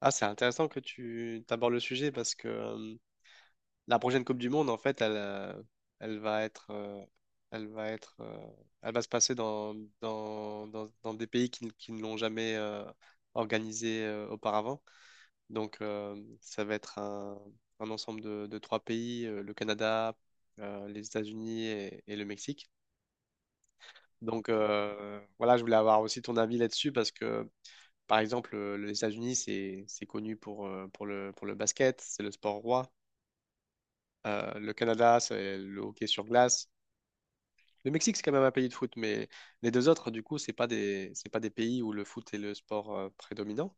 Ah, c'est intéressant que tu abordes le sujet parce que la prochaine Coupe du Monde, en fait, elle, elle va être, elle va être, elle va se passer dans, dans, dans, dans des pays qui ne l'ont jamais organisée auparavant. Ça va être un ensemble de trois pays, le Canada, les États-Unis et le Mexique. Voilà, je voulais avoir aussi ton avis là-dessus parce que par exemple, les États-Unis, c'est connu pour, pour le basket, c'est le sport roi. Le Canada, c'est le hockey sur glace. Le Mexique, c'est quand même un pays de foot, mais les deux autres, du coup, c'est pas des pays où le foot est le sport prédominant.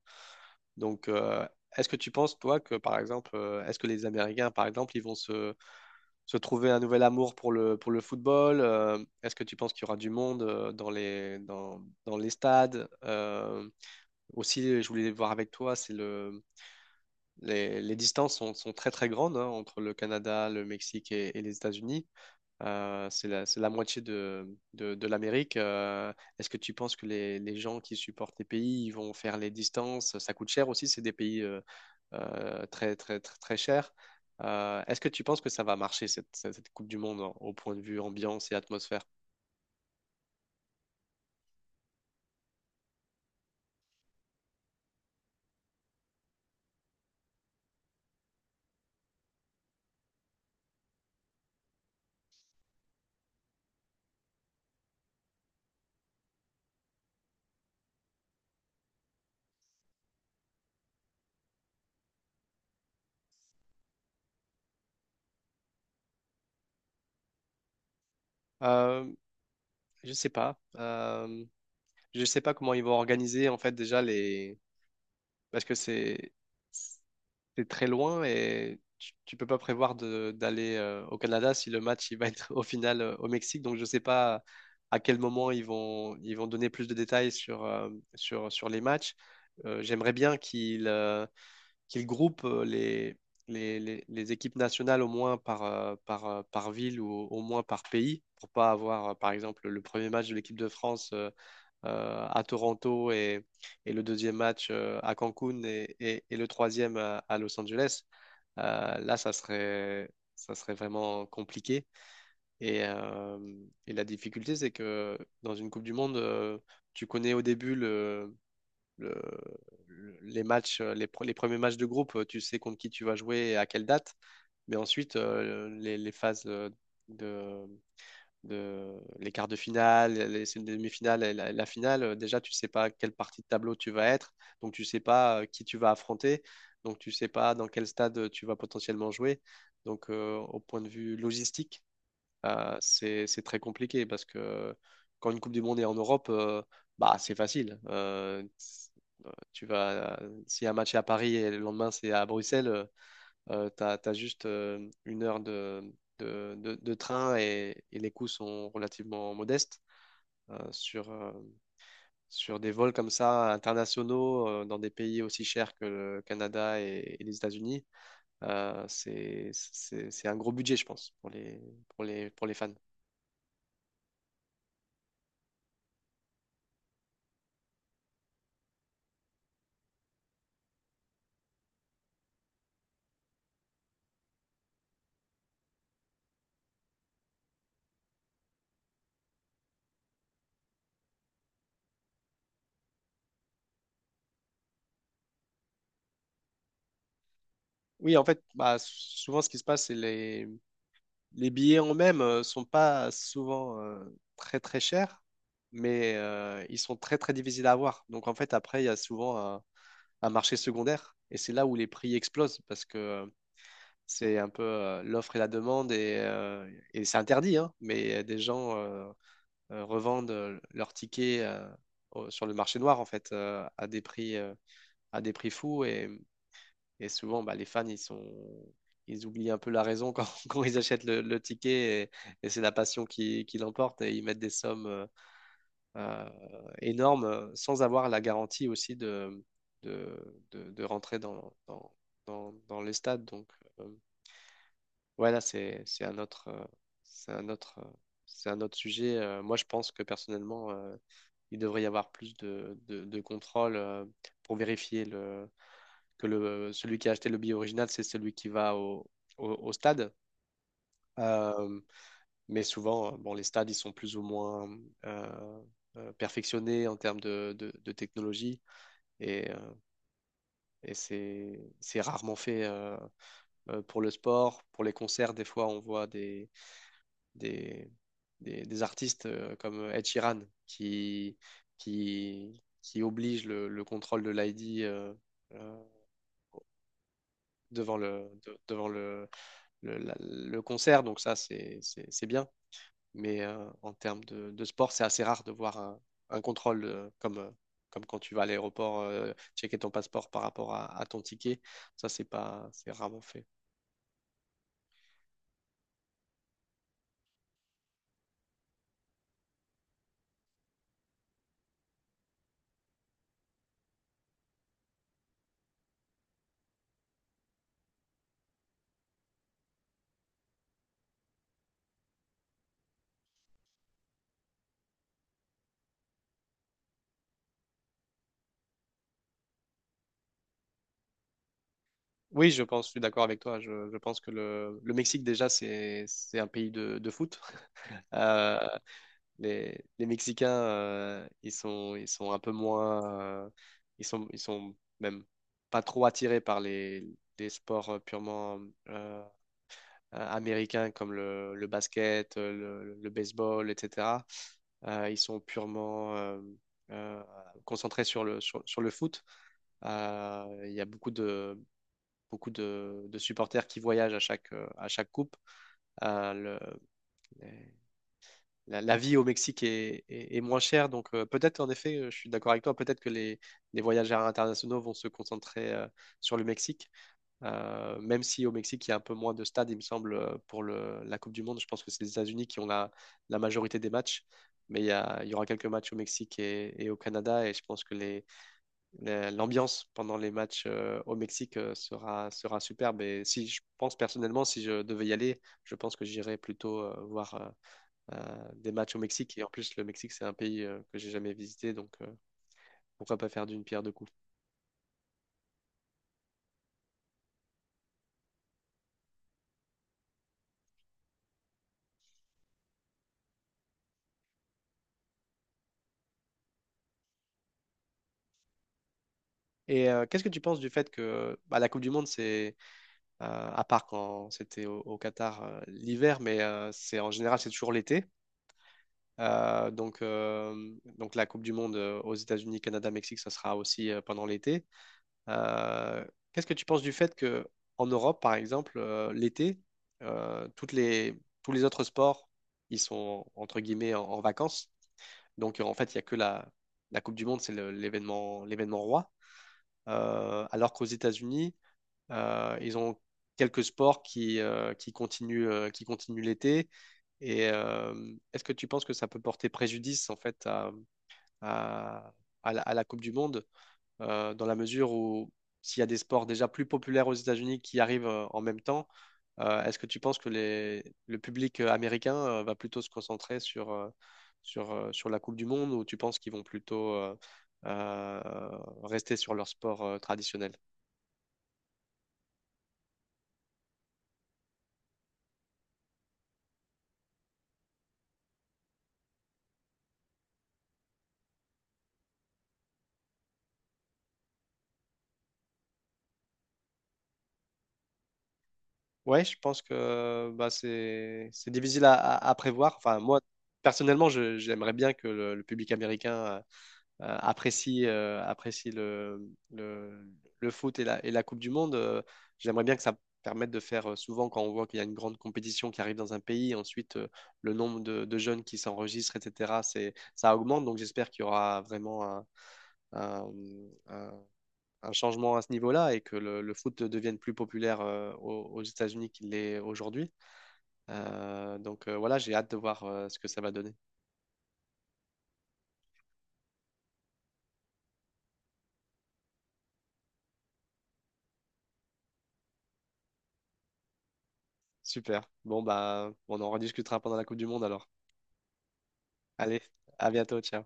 Donc, euh, est-ce que tu penses, toi, que par exemple, est-ce que les Américains, par exemple, se trouver un nouvel amour pour pour le football? Est-ce que tu penses qu'il y aura du monde dans dans les stades? Aussi, je voulais voir avec toi, les distances sont très très grandes hein, entre le Canada, le Mexique et les États-Unis. C'est la moitié de l'Amérique. Est-ce que tu penses que les gens qui supportent les pays ils vont faire les distances? Ça coûte cher aussi, c'est des pays très très très très chers. Est-ce que tu penses que ça va marcher cette Coupe du Monde hein, au point de vue ambiance et atmosphère? Euh, je sais pas. Je sais pas comment ils vont organiser en fait déjà les parce que c'est très loin et tu peux pas prévoir d'aller au Canada si le match il va être au final au Mexique. Donc je sais pas à quel moment ils vont donner plus de détails sur sur les matchs. J'aimerais bien qu'ils groupent les les équipes nationales au moins par, par, par ville ou au moins par pays pour pas avoir par exemple le premier match de l'équipe de France à Toronto et le deuxième match à Cancun et le troisième à Los Angeles, euh, là, ça serait, ça serait vraiment compliqué. Et, euh, et la difficulté, c'est que dans une Coupe du Monde, tu connais au début le- les matchs, les premiers matchs de groupe, tu sais contre qui tu vas jouer et à quelle date. Mais ensuite, les phases de, de les quarts de finale, les demi-finales et la finale, déjà tu sais pas quelle partie de tableau tu vas être, donc tu sais pas qui tu vas affronter, donc tu sais pas dans quel stade tu vas potentiellement jouer. Au point de vue logistique, c'est très compliqué parce que quand une Coupe du Monde est en Europe, bah c'est facile. Si un match est à Paris et le lendemain c'est à Bruxelles, t'as, t'as juste une heure de train et les coûts sont relativement modestes. Euh, sur, euh, Sur des vols comme ça, internationaux, dans des pays aussi chers que le Canada et les États-Unis, c'est un gros budget, je pense, pour les fans. Oui, en fait, bah, souvent ce qui se passe, les billets en eux-mêmes sont pas souvent très très chers, mais ils sont très très difficiles à avoir. Donc en fait, après, il y a souvent un marché secondaire. Et c'est là où les prix explosent parce que c'est un peu l'offre et la demande et c'est interdit, hein, mais des gens revendent leurs tickets sur le marché noir en fait à des prix fous et souvent bah, les fans, ils oublient un peu la raison quand, quand ils achètent le ticket et c'est la passion qui l'emporte et ils mettent des sommes euh, énorme sans avoir la garantie aussi de rentrer dans les stades. Donc euh, voilà, c'est un autre, c'est un autre, C'est un autre sujet. Moi, je pense que personnellement, il devrait y avoir plus de contrôle pour vérifier que celui qui a acheté le billet original, c'est celui qui va au stade. Euh, mais souvent, bon, les stades, ils sont plus ou moins euh, perfectionnés en termes de technologie. Et, euh, et c'est rarement fait pour le sport. Pour les concerts, des fois, on voit des, des artistes comme Ed Sheeran qui, qui oblige le contrôle de l'ID euh, devant le concert. Donc ça, c'est bien. Mais en termes de sport, c'est assez rare de voir un contrôle comme quand tu vas à l'aéroport checker ton passeport par rapport à ton ticket. Ça, c'est pas, c'est rarement fait. Oui, je pense, je suis d'accord avec toi. Je pense que le Mexique, déjà, c'est un pays de foot. Euh, les Mexicains, ils sont un peu moins. Ils sont même pas trop attirés par les sports purement. euh, Américains comme le basket, le baseball, etc. Ils sont purement euh, concentrés sur sur le foot. Il y a beaucoup de, beaucoup de supporters qui voyagent à chaque coupe. Euh, le- la vie au Mexique est moins chère, donc peut-être en effet, je suis d'accord avec toi, peut-être que les voyageurs internationaux vont se concentrer sur le Mexique, même si au Mexique, il y a un peu moins de stades, il me semble, pour la Coupe du Monde. Je pense que c'est les États-Unis qui ont la majorité des matchs. Mais il y aura quelques matchs au Mexique et au Canada. Et je pense que l'ambiance pendant les matchs au Mexique sera superbe. Et si je pense personnellement, si je devais y aller, je pense que j'irais plutôt voir des matchs au Mexique. Et en plus, le Mexique, c'est un pays que j'ai jamais visité. Pourquoi pas faire d'une pierre deux coups. Et qu'est-ce que tu penses du fait que bah, la Coupe du Monde, c'est à part quand c'était au Qatar l'hiver, mais c'est en général c'est toujours l'été. Donc la Coupe du Monde aux États-Unis, Canada, Mexique, ça sera aussi pendant l'été. Euh, Qu'est-ce que tu penses du fait que en Europe, par exemple, l'été, euh, toutes les, tous les autres sports, ils sont entre guillemets en vacances. En fait, il n'y a que la Coupe du Monde, c'est l'événement roi. Alors qu'aux États-Unis, ils ont quelques sports qui continuent l'été. Et euh, Est-ce que tu penses que ça peut porter préjudice en fait à- à la Coupe du Monde dans la mesure où s'il y a des sports déjà plus populaires aux États-Unis qui arrivent en même temps, est-ce que tu penses que le public américain va plutôt se concentrer sur la Coupe du Monde ou tu penses qu'ils vont plutôt euh, rester sur leur sport traditionnel? Ouais, je pense que bah, c'est difficile à prévoir. Enfin, moi, personnellement, j'aimerais bien que le public américain apprécie le foot et la Coupe du Monde. J'aimerais bien que ça permette de faire souvent quand on voit qu'il y a une grande compétition qui arrive dans un pays, ensuite le nombre de jeunes qui s'enregistrent, etc., ça augmente. Donc j'espère qu'il y aura vraiment un, un- un changement à ce niveau-là et que le foot devienne plus populaire aux États-Unis qu'il l'est aujourd'hui. Voilà, j'ai hâte de voir ce que ça va donner. Super. Bon, bah, on en rediscutera pendant la Coupe du Monde alors. Allez, à bientôt, ciao.